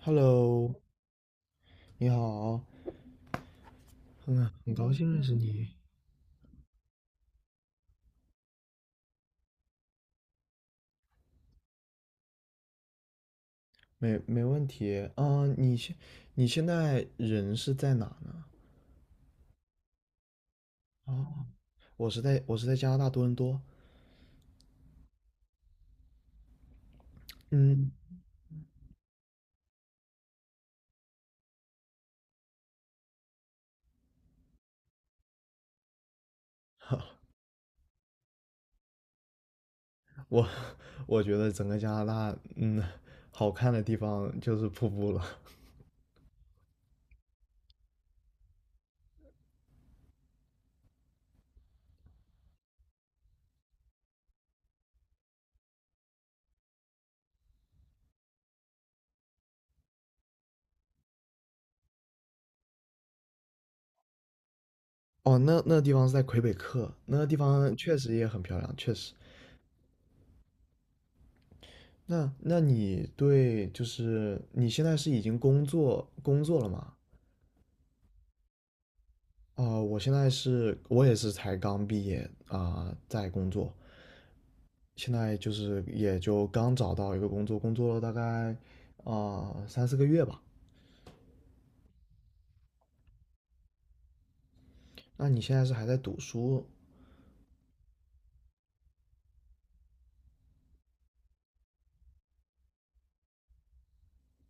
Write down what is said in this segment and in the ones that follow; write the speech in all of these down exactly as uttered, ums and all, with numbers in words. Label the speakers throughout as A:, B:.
A: Hello，你好，很很高嗯兴认识你，没没问题啊。你现你现在人是在哪呢？哦，我是在我是在加拿大多伦多。嗯，我我觉得整个加拿大，嗯，好看的地方就是瀑布了。哦，那那地方是在魁北克，那地方确实也很漂亮，确实。那那你对就是你现在是已经工作工作了吗？啊，我现在是，我也是才刚毕业啊，在工作，现在就是也就刚找到一个工作，工作了大概啊三四个月吧。那你现在是还在读书？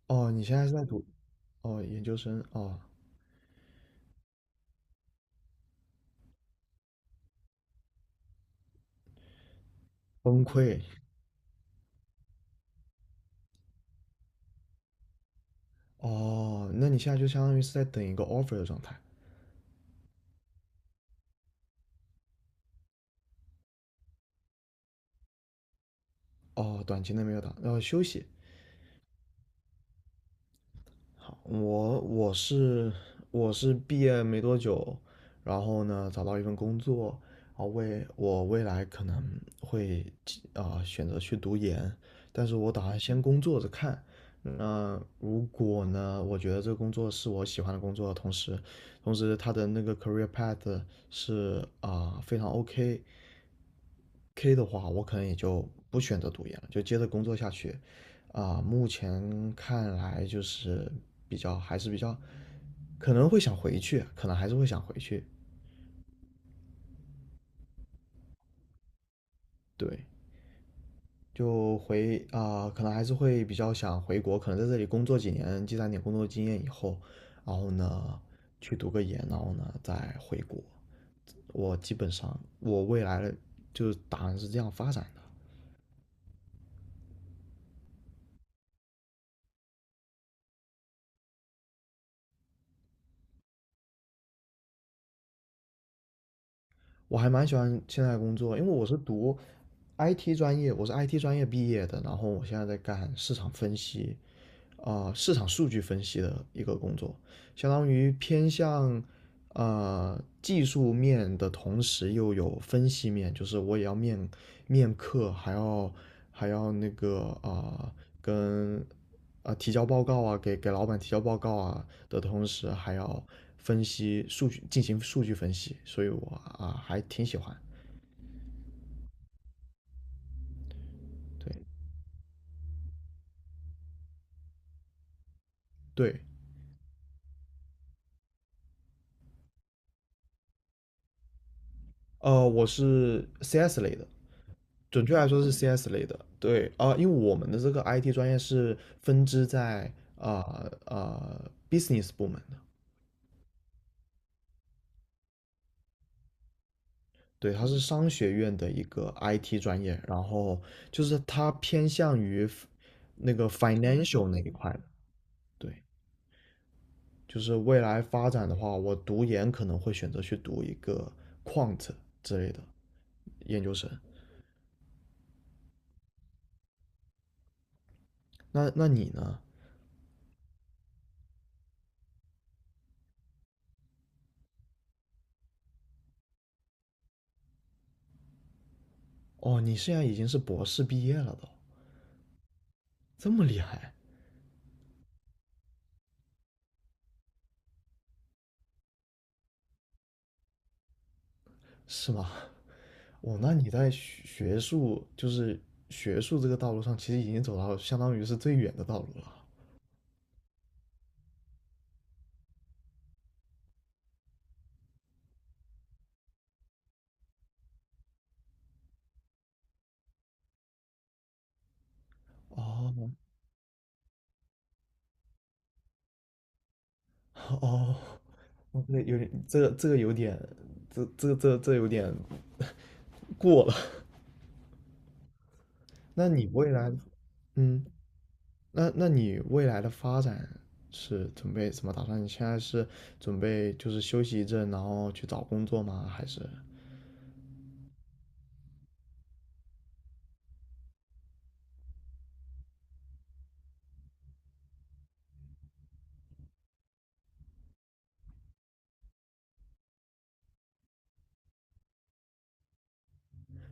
A: 哦，你现在是在读哦研究生哦，崩溃哦，那你现在就相当于是在等一个 offer 的状态哦，短期内没有打，呃，休息。我我是我是毕业没多久，然后呢找到一份工作，啊为我未来可能会啊、呃选择去读研，但是我打算先工作着看。那如果呢，我觉得这个工作是我喜欢的工作，同时同时他的那个 career path 是啊、非常 OK，K 的话，我可能也就不选择读研了，就接着工作下去。啊、目前看来就是比较还是比较，可能会想回去，可能还是会想回去。对，就回啊、可能还是会比较想回国，可能在这里工作几年，积攒点工作经验以后，然后呢去读个研，然后呢再回国。我基本上我未来的就是打算是这样发展的。我还蛮喜欢现在的工作，因为我是读 I T 专业，我是 I T 专业毕业的，然后我现在在干市场分析，啊、呃市场数据分析的一个工作，相当于偏向呃技术面的同时又有分析面，就是我也要面面客，还要还要那个啊、呃跟啊、呃提交报告啊，给给老板提交报告啊的同时，还要分析数据，进行数据分析，所以我啊、还挺喜欢，对对，呃，我是 C S 类的，准确来说是 C S 类的。对，啊，因为我们的这个 I T 专业是分支在呃呃 business 部门的，对，它是商学院的一个 I T 专业，然后就是它偏向于 f- 那个 financial 那一块的。对，就是未来发展的话，我读研可能会选择去读一个 quant 之类的研究生。那那你呢？哦，你现在已经是博士毕业了都，这么厉害。是吗？哦，那你在学学术，就是学术这个道路上，其实已经走到相当于是最远的道路了。哦，哦，哦，这个有点，这个这个有点，这这这这有点过了。那你未来，嗯，那那你未来的发展是准备怎么打算？你现在是准备就是休息一阵，然后去找工作吗？还是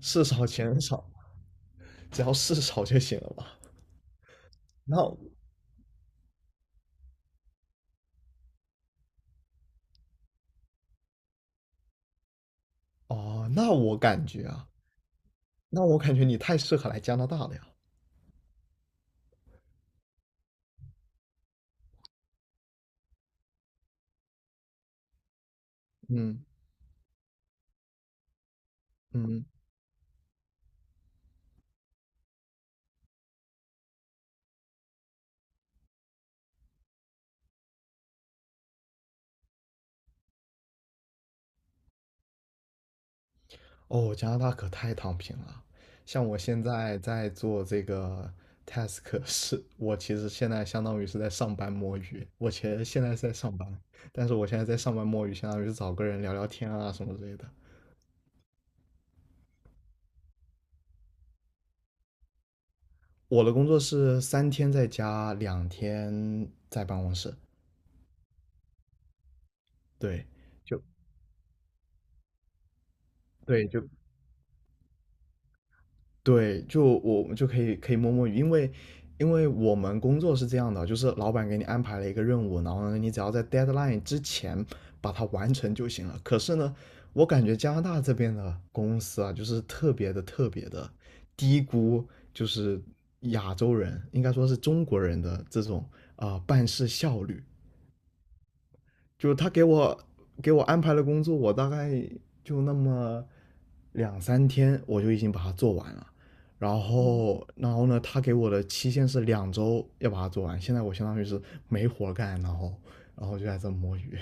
A: 事少钱少，只要事少就行了吧？那哦，那我感觉啊，那我感觉你太适合来加拿大了呀。嗯嗯，哦，加拿大可太躺平了。像我现在在做这个 task 是，我其实现在相当于是在上班摸鱼。我其实现在是在上班，但是我现在在上班摸鱼，相当于是找个人聊聊天啊什么之类的。我的工作是三天在家，两天在办公室。对，就对，就对，就我们就可以可以摸摸鱼，因为因为我们工作是这样的，就是老板给你安排了一个任务，然后呢，你只要在 deadline 之前把它完成就行了。可是呢，我感觉加拿大这边的公司啊，就是特别的特别的低估，就是亚洲人，应该说是中国人的这种啊、呃办事效率。就他给我给我安排了工作，我大概就那么两三天，我就已经把它做完了。然后，然后呢，他给我的期限是两周要把它做完。现在我相当于是没活干，然后，然后就在这摸鱼。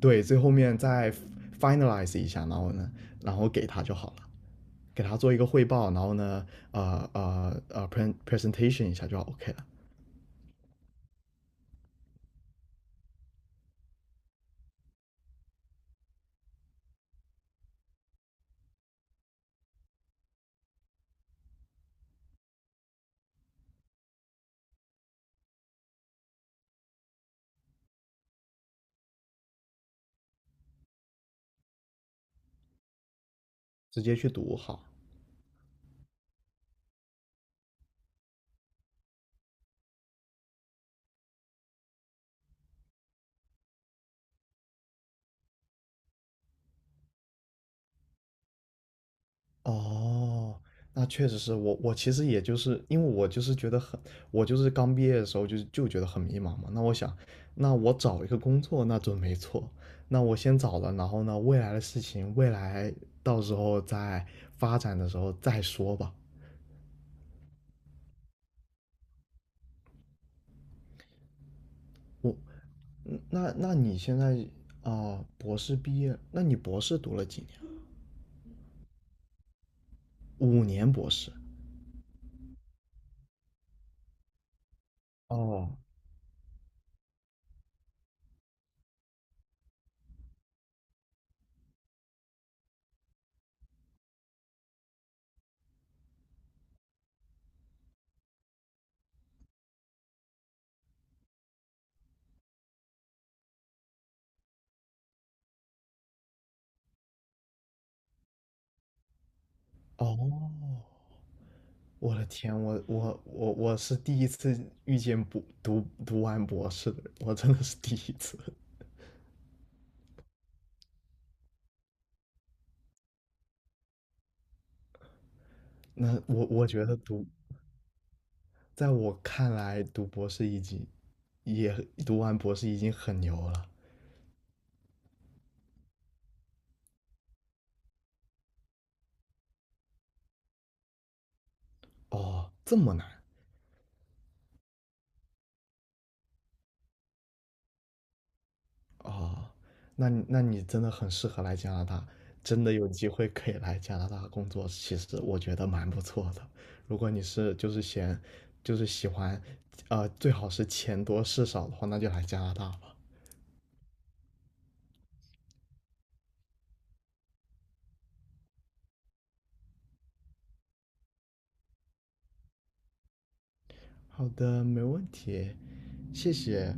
A: 对，最后面再 finalize 一下，然后呢，然后给他就好了，给他做一个汇报，然后呢，呃呃呃，pre presentation 一下就 OK 了，直接去读好。哦，那确实是我，我其实也就是因为我就是觉得很，我就是刚毕业的时候就就觉得很迷茫嘛。那我想，那我找一个工作那准没错，那我先找了，然后呢，未来的事情，未来到时候再发展的时候再说吧。我，嗯那那你现在啊，博士毕业，那你博士读了几年？五年博士。哦哦我的天，我我我我是第一次遇见不读读完博士的人，我真的是第一次。那我我觉得读，在我看来，读博士已经也读完博士已经很牛了。哦，这么难哦，那你那你真的很适合来加拿大，真的有机会可以来加拿大工作，其实我觉得蛮不错的。如果你是就是嫌就是喜欢，呃，最好是钱多事少的话，那就来加拿大吧。好的，没问题，谢谢。